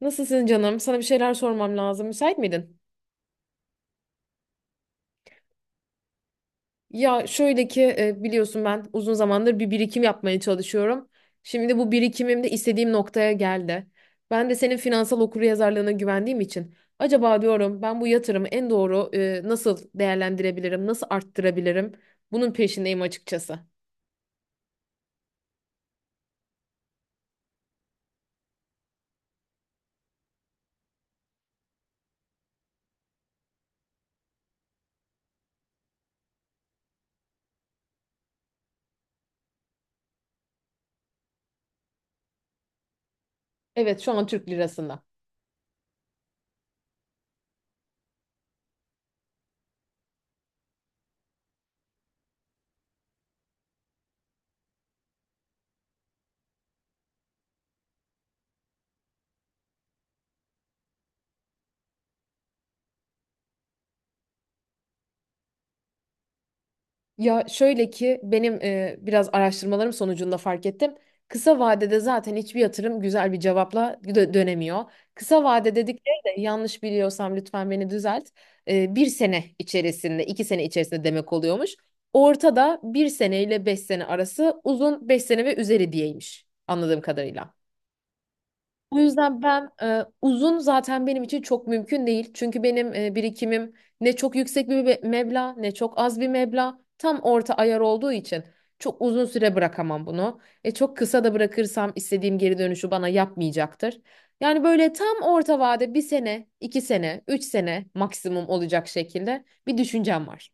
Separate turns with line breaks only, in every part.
Nasılsın canım? Sana bir şeyler sormam lazım. Müsait miydin? Ya şöyle ki biliyorsun ben uzun zamandır bir birikim yapmaya çalışıyorum. Şimdi bu birikimim de istediğim noktaya geldi. Ben de senin finansal okuryazarlığına güvendiğim için acaba diyorum ben bu yatırımı en doğru nasıl değerlendirebilirim, nasıl arttırabilirim? Bunun peşindeyim açıkçası. Evet, şu an Türk lirasında. Ya şöyle ki benim biraz araştırmalarım sonucunda fark ettim. Kısa vadede zaten hiçbir yatırım güzel bir cevapla dönemiyor. Kısa vade dedikleri de yanlış biliyorsam lütfen beni düzelt. Bir sene içerisinde, iki sene içerisinde demek oluyormuş. Ortada bir sene ile beş sene arası uzun, beş sene ve üzeri diyeymiş anladığım kadarıyla. O yüzden ben uzun zaten benim için çok mümkün değil. Çünkü benim birikimim ne çok yüksek bir meblağ ne çok az bir meblağ. Tam orta ayar olduğu için çok uzun süre bırakamam bunu. Çok kısa da bırakırsam istediğim geri dönüşü bana yapmayacaktır. Yani böyle tam orta vade, bir sene, iki sene, üç sene maksimum olacak şekilde bir düşüncem var.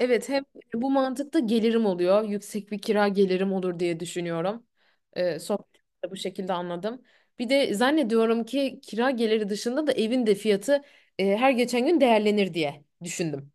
Evet, hem bu mantıkta gelirim oluyor. Yüksek bir kira gelirim olur diye düşünüyorum. Sohbetimde bu şekilde anladım. Bir de zannediyorum ki kira geliri dışında da evin de fiyatı her geçen gün değerlenir diye düşündüm.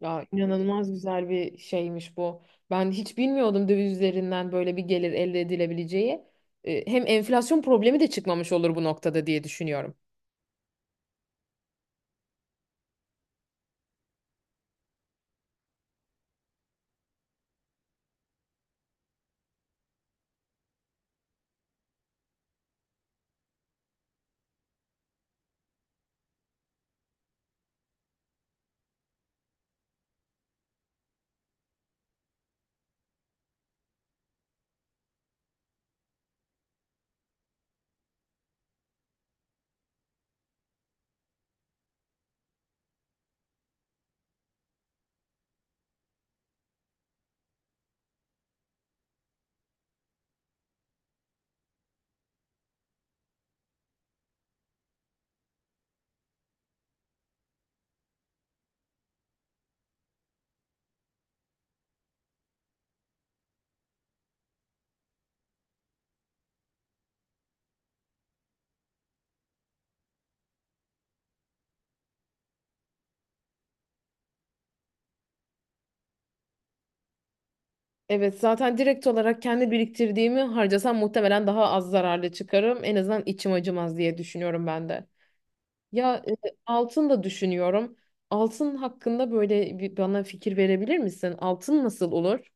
Ya inanılmaz güzel bir şeymiş bu. Ben hiç bilmiyordum döviz üzerinden böyle bir gelir elde edilebileceği. Hem enflasyon problemi de çıkmamış olur bu noktada diye düşünüyorum. Evet, zaten direkt olarak kendi biriktirdiğimi harcasam muhtemelen daha az zararlı çıkarım. En azından içim acımaz diye düşünüyorum ben de. Ya altın da düşünüyorum. Altın hakkında böyle bir bana fikir verebilir misin? Altın nasıl olur?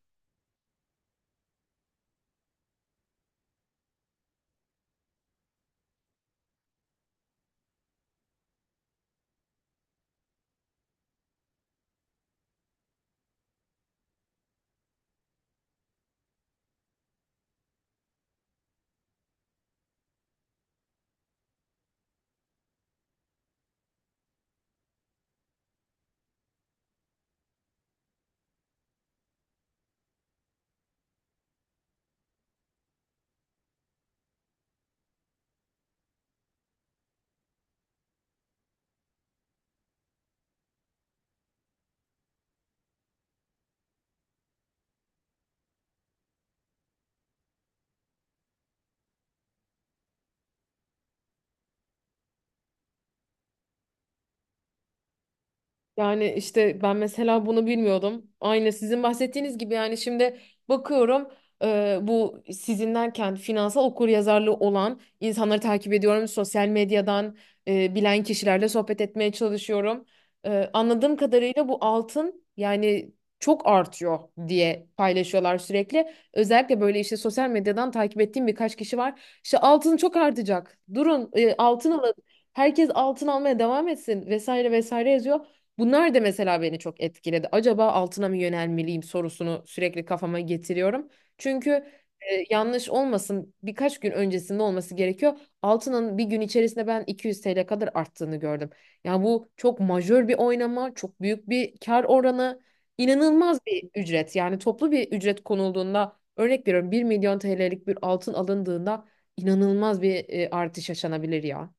Yani işte ben mesela bunu bilmiyordum. Aynı sizin bahsettiğiniz gibi, yani şimdi bakıyorum, bu sizin derken finansal okuryazarlığı olan insanları takip ediyorum. Sosyal medyadan bilen kişilerle sohbet etmeye çalışıyorum. Anladığım kadarıyla bu altın yani çok artıyor diye paylaşıyorlar sürekli. Özellikle böyle işte sosyal medyadan takip ettiğim birkaç kişi var. İşte altın çok artacak. Durun, altın alın. Herkes altın almaya devam etsin vesaire vesaire yazıyor. Bunlar da mesela beni çok etkiledi. Acaba altına mı yönelmeliyim sorusunu sürekli kafama getiriyorum. Çünkü yanlış olmasın, birkaç gün öncesinde olması gerekiyor. Altının bir gün içerisinde ben 200 TL kadar arttığını gördüm. Yani bu çok majör bir oynama, çok büyük bir kar oranı, inanılmaz bir ücret. Yani toplu bir ücret konulduğunda, örnek veriyorum, 1 milyon TL'lik bir altın alındığında İnanılmaz bir artış yaşanabilir ya.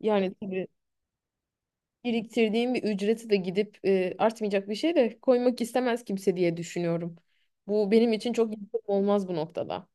Yani tabii biriktirdiğim bir ücreti de gidip artmayacak bir şey de koymak istemez kimse diye düşünüyorum. Bu benim için çok yatırım olmaz bu noktada.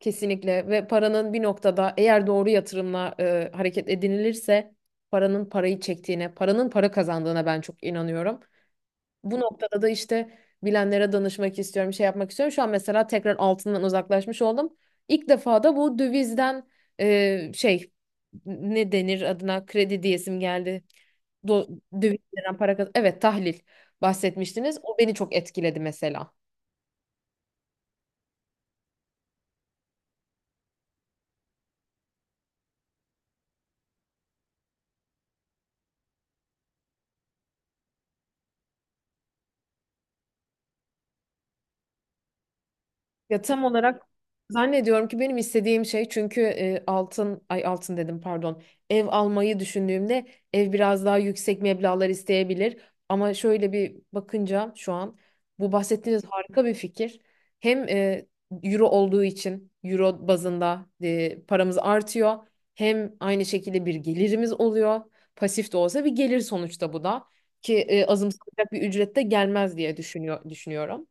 Kesinlikle, ve paranın bir noktada eğer doğru yatırımla hareket edinilirse paranın parayı çektiğine, paranın para kazandığına ben çok inanıyorum. Bu noktada da işte bilenlere danışmak istiyorum, şey yapmak istiyorum. Şu an mesela tekrar altından uzaklaşmış oldum. İlk defa da bu dövizden e, şey ne denir adına, kredi diyesim geldi. Do Döviz veren para Evet, tahlil bahsetmiştiniz. O beni çok etkiledi mesela. Ya tam olarak zannediyorum ki benim istediğim şey, çünkü altın dedim, pardon, ev almayı düşündüğümde ev biraz daha yüksek meblağlar isteyebilir, ama şöyle bir bakınca şu an bu bahsettiğiniz harika bir fikir. Hem euro olduğu için euro bazında paramız artıyor, hem aynı şekilde bir gelirimiz oluyor, pasif de olsa bir gelir sonuçta, bu da ki azımsanacak bir ücrette gelmez diye düşünüyorum.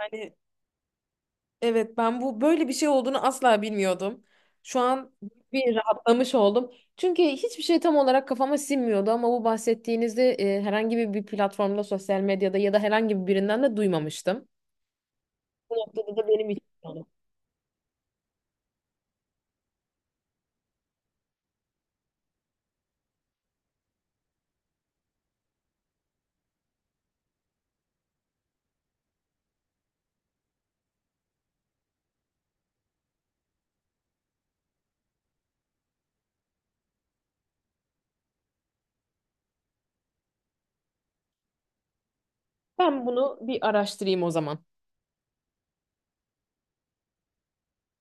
Yani evet, ben bu böyle bir şey olduğunu asla bilmiyordum. Şu an bir rahatlamış oldum. Çünkü hiçbir şey tam olarak kafama sinmiyordu, ama bu bahsettiğinizde herhangi bir, bir platformda, sosyal medyada ya da herhangi birinden de duymamıştım. Bu noktada da benim için oldu. Ben bunu bir araştırayım o zaman.